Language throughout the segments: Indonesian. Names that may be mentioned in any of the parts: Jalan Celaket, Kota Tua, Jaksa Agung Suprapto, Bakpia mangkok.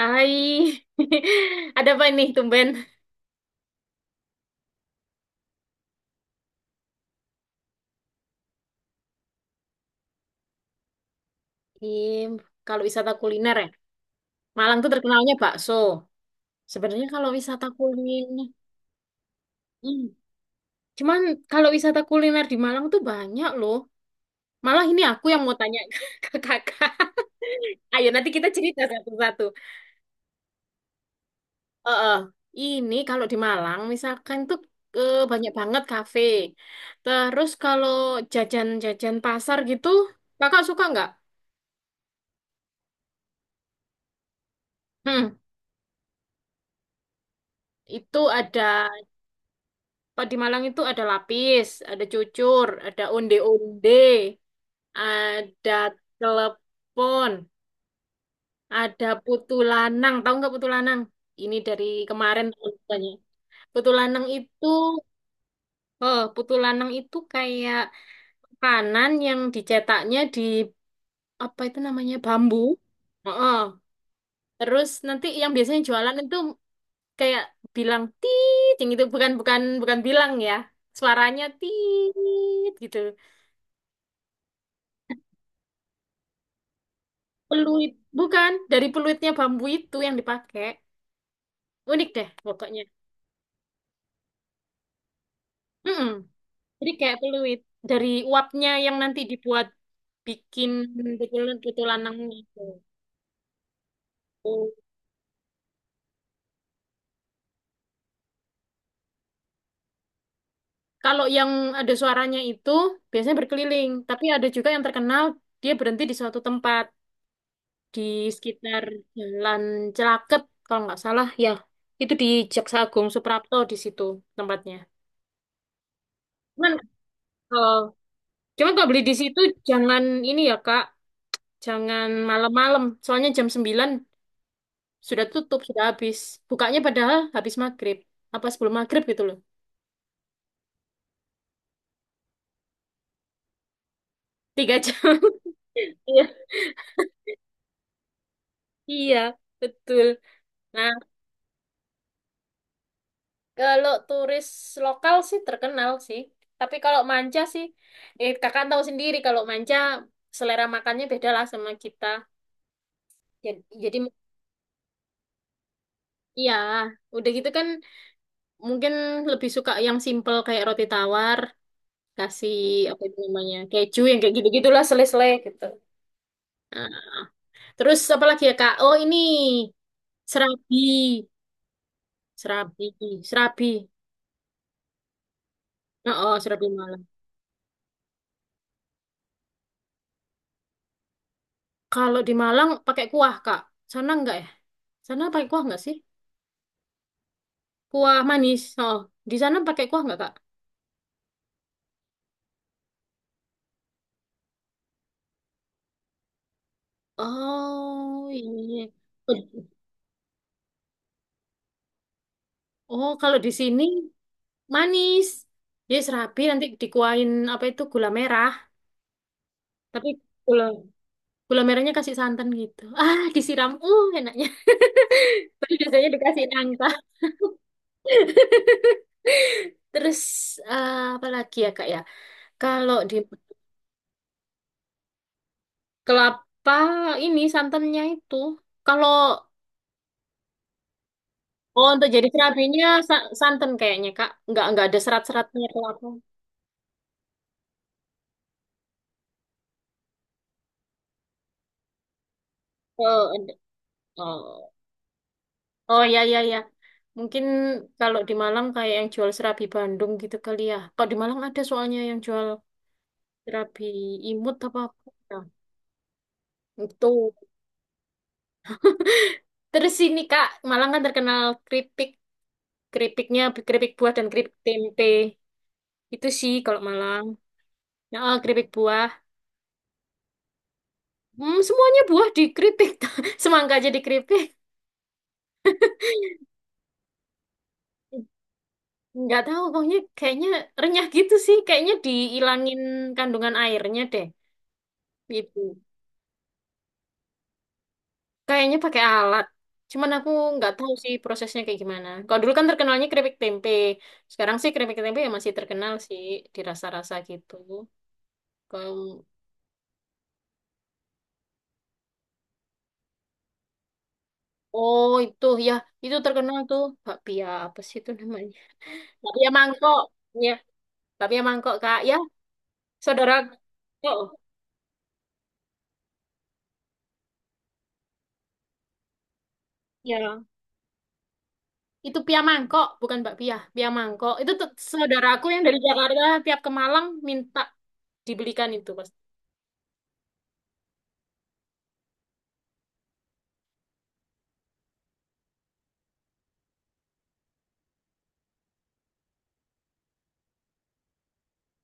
Hai, ada apa ini tumben? Im, kalau wisata kuliner ya, Malang tuh terkenalnya bakso. Sebenarnya kalau wisata kuliner, Hmm, cuman kalau wisata kuliner di Malang tuh banyak loh. Malah ini aku yang mau tanya ke kakak. Ayo nanti kita cerita satu-satu. Eh, eh, ini kalau di Malang misalkan tuh banyak banget kafe. Terus kalau jajan-jajan pasar gitu, kakak suka nggak? Hmm, itu ada. Kalau di Malang itu ada lapis, ada cucur, ada onde-onde, ada telepon, ada putu lanang. Tahu nggak putu lanang? Ini dari kemarin tanya. Putu lanang itu, oh, putu lanang itu kayak kanan yang dicetaknya di apa itu namanya bambu. Oh. Terus nanti yang biasanya jualan itu kayak bilang tiit, itu bukan bukan bukan bilang ya, suaranya tiit gitu. Peluit, bukan dari peluitnya bambu itu yang dipakai. Unik deh pokoknya. Mm-mm. Jadi kayak peluit dari uapnya yang nanti dibuat bikin betul-betul lanang itu. Oh. Kalau yang ada suaranya itu biasanya berkeliling, tapi ada juga yang terkenal dia berhenti di suatu tempat di sekitar Jalan Celaket kalau nggak salah ya. Itu di Jaksa Agung Suprapto di situ tempatnya. Cuman kalau cuman kalau beli di situ jangan ini ya Kak, jangan malam-malam, soalnya jam 9 sudah tutup, sudah habis. Bukanya padahal habis maghrib. Apa sebelum maghrib gitu loh. 3 jam. Iya, iya, betul. Nah, kalau turis lokal sih terkenal sih. Tapi kalau manca sih, kakak tahu sendiri kalau manca selera makannya beda lah sama kita. Jadi, iya, udah gitu kan mungkin lebih suka yang simple kayak roti tawar, kasih apa itu namanya, keju yang kayak gitu-gitulah, selai-selai gitu. Terus apa lagi ya Kak? Oh ini serabi, serabi, serabi. Oh, oh, serabi Malang. Kalau di Malang pakai kuah Kak. Sana enggak ya? Sana pakai kuah enggak sih? Kuah manis. Oh, di sana pakai kuah enggak Kak? Oh iya. Oh kalau di sini manis. Jadi serabi nanti dikuahin apa itu gula merah. Tapi gula gula merahnya kasih santan gitu. Ah disiram. Enaknya. Tapi biasanya dikasih nangka. Terus apa lagi ya Kak ya? Kalau di kelapa ini santannya itu, kalau oh untuk jadi serabinya santan kayaknya Kak, nggak ada serat-seratnya kelapa. Oh, oh, oh ya ya ya. Mungkin kalau di Malang kayak yang jual serabi Bandung gitu kali ya. Kalau di Malang ada soalnya yang jual serabi imut apa apa. Nah, itu. Terus ini Kak, Malang kan terkenal keripik. Keripiknya keripik buah dan keripik tempe itu sih kalau Malang. Nah, keripik buah, semuanya buah di keripik. Semangka aja di keripik. Nggak tahu pokoknya kayaknya renyah gitu sih, kayaknya dihilangin kandungan airnya deh. Itu kayaknya pakai alat, cuman aku nggak tahu sih prosesnya kayak gimana. Kalau dulu kan terkenalnya keripik tempe, sekarang sih keripik tempe ya masih terkenal sih di rasa-rasa gitu. Kalau oh itu ya, itu terkenal tuh bakpia apa sih itu namanya. Bakpia mangkok, ya. Bakpia mangkok, Kak. Ya, saudara. Oh, ya. Itu pia mangkok, bukan bakpia. Pia mangkok. Itu tuh saudaraku yang dari Jakarta tiap ke Malang minta dibelikan itu, Mas.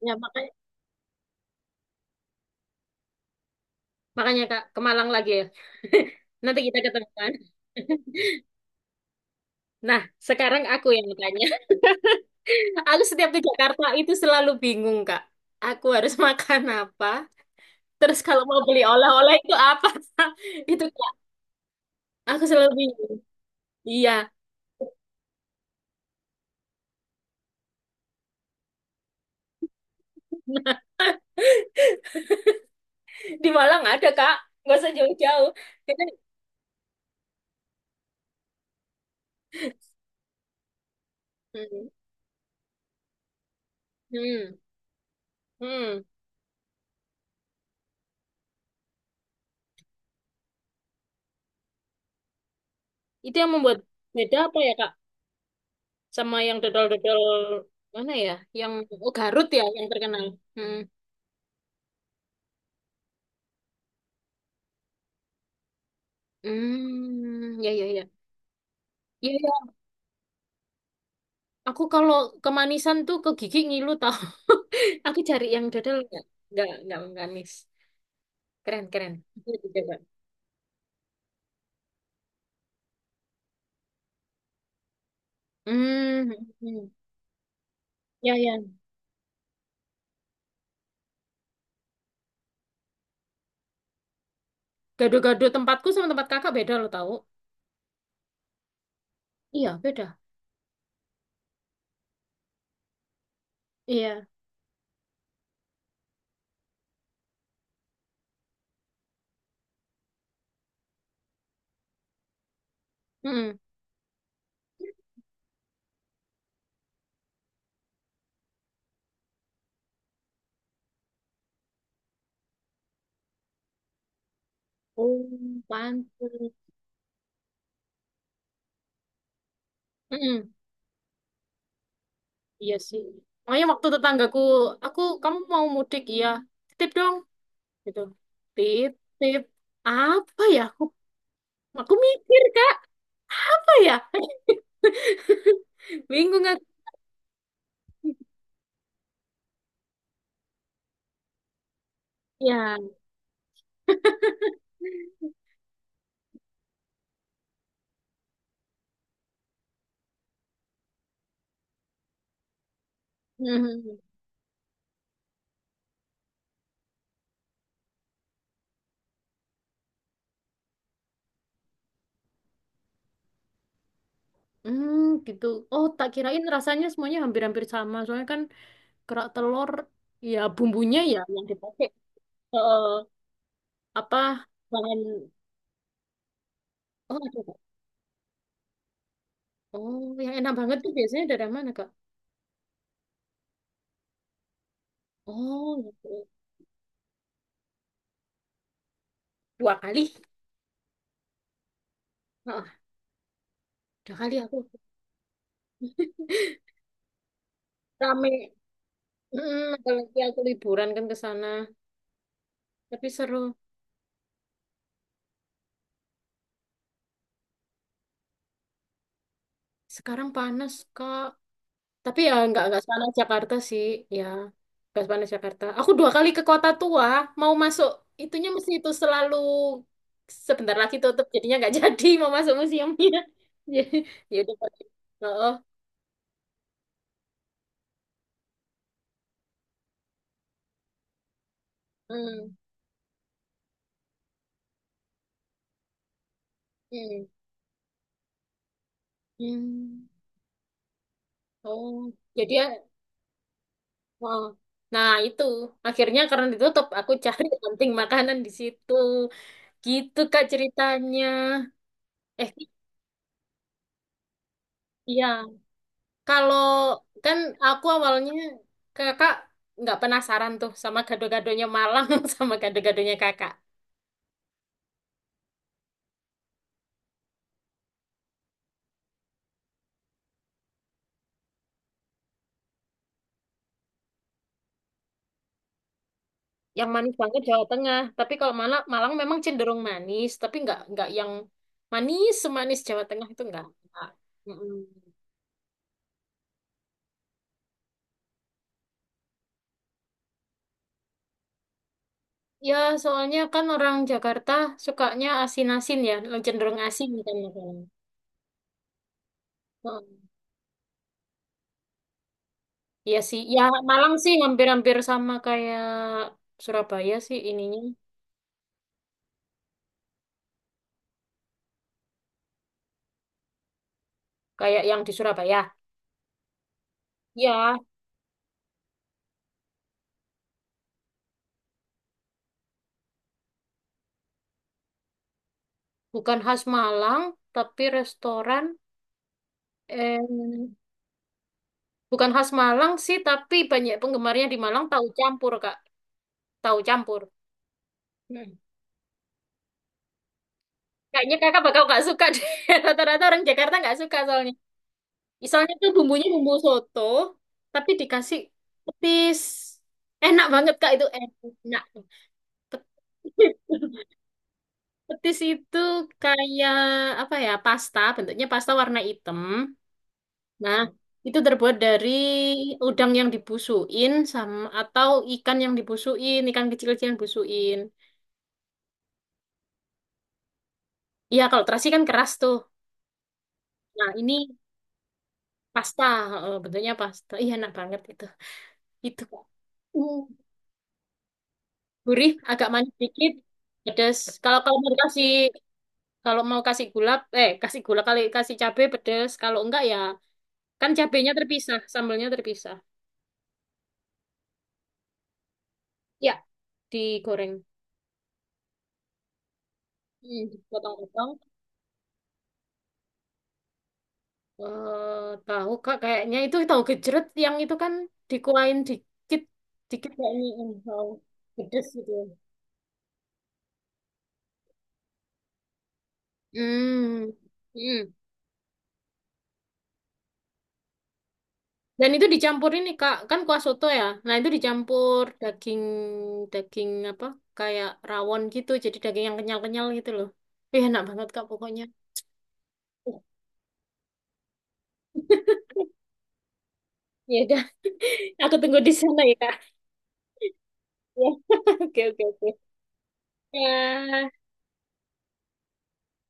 Ya, makanya, Kak, ke Malang lagi ya. Nanti kita ketemuan. Nah, sekarang aku yang tanya. Aku setiap di Jakarta itu selalu bingung, Kak. Aku harus makan apa? Terus kalau mau beli oleh-oleh itu apa? Itu, Kak. Aku selalu bingung. Iya. Di Malang ada, Kak. Nggak usah jauh-jauh. Jadi, Hmm. Hmm. Hmm. Itu yang membuat beda apa ya, Kak? Sama yang dodol-dodol mana ya? Yang oh, Garut ya yang terkenal. Hmm. Hmm. Ya, ya, ya. Iya, ya. Aku kalau kemanisan tuh ke gigi ngilu tau. Aku cari yang dodol nggak manis. Keren, keren. Itu dicoba. Hmm. Hmm. Ya, ya. Gado-gado tempatku sama tempat kakak beda lo tau. Iya, beda. Iya. Mm-mm. Oh, pantes. Mm-mm. Iya sih. Makanya waktu tetanggaku, aku kamu mau mudik iya, titip dong, gitu. Titip apa ya? Aku, mikir kak, apa ya? Bingung aku. Ya. Mhm. Hmm, gitu. Oh, tak kirain rasanya semuanya hampir-hampir sama. Soalnya kan kerak telur, ya bumbunya ya yang dipakai. Eh, apa bahan? Oh, ada Kak. Oh, yang enak banget tuh biasanya dari mana kak? Oh, gitu. 2 kali. Heeh, 2 kali aku rame. Apalagi aku liburan kan ke sana, tapi seru. Sekarang panas kak, tapi ya nggak panas Jakarta sih. Ya, nggak panas Jakarta. Aku 2 kali ke kota tua, mau masuk itunya mesti itu selalu sebentar lagi tutup jadinya nggak jadi mau masuk museumnya ya ya udah oh, oh. Hmm. Hmm. Hmm. Oh jadi ya, wow. Nah, itu akhirnya karena ditutup, aku cari kanting makanan di situ. Gitu, Kak, ceritanya. Eh, iya. Kalau kan aku awalnya kakak nggak penasaran tuh sama gado-gadonya Malang sama gado-gadonya kakak. Yang manis banget Jawa Tengah. Tapi kalau Malang, memang cenderung manis, tapi nggak yang manis semanis Jawa Tengah itu nggak. Nggak. Mm-mm. Ya, soalnya kan orang Jakarta sukanya asin-asin ya, cenderung asin kan makanan. Heeh. Iya sih, ya Malang sih hampir-hampir sama kayak Surabaya sih ininya, kayak yang di Surabaya. Ya, bukan khas Malang, tapi restoran, eh, bukan khas Malang sih, tapi banyak penggemarnya di Malang tahu campur, Kak. Tahu campur. Hmm. Kayaknya kakak bakal gak suka deh. Rata-rata orang Jakarta gak suka soalnya. Misalnya tuh bumbunya bumbu soto, tapi dikasih petis. Enak banget Kak itu enak. Petis, petis itu kayak apa ya? Pasta, bentuknya pasta warna hitam. Nah, itu terbuat dari udang yang dibusuin sama atau ikan yang dibusuin, ikan kecil-kecil yang dibusuin. Iya, kalau terasi kan keras tuh. Nah, ini pasta, bentuknya pasta. Iya, enak banget itu. Itu Kak. Hmm. Gurih, agak manis dikit, pedes. Kalau kalau mau kasih gula, kasih gula kali kasih cabe pedes. Kalau enggak ya kan cabenya terpisah, sambelnya terpisah. Ya, digoreng. Hmm, potong-potong. Tahu kak kayaknya itu tahu gejrot yang itu kan dikuain dikit dikit kayak ini, tahu pedes gitu. Hmm. Hmm. Dan itu dicampur ini Kak, kan kuah soto ya. Nah, itu dicampur daging daging apa? Kayak rawon gitu, jadi daging yang kenyal-kenyal gitu loh. Ih, enak banget Kak pokoknya. Uh, Ya udah, aku tunggu di sana ya Kak. Ya. Oke, oke, oke. Ya.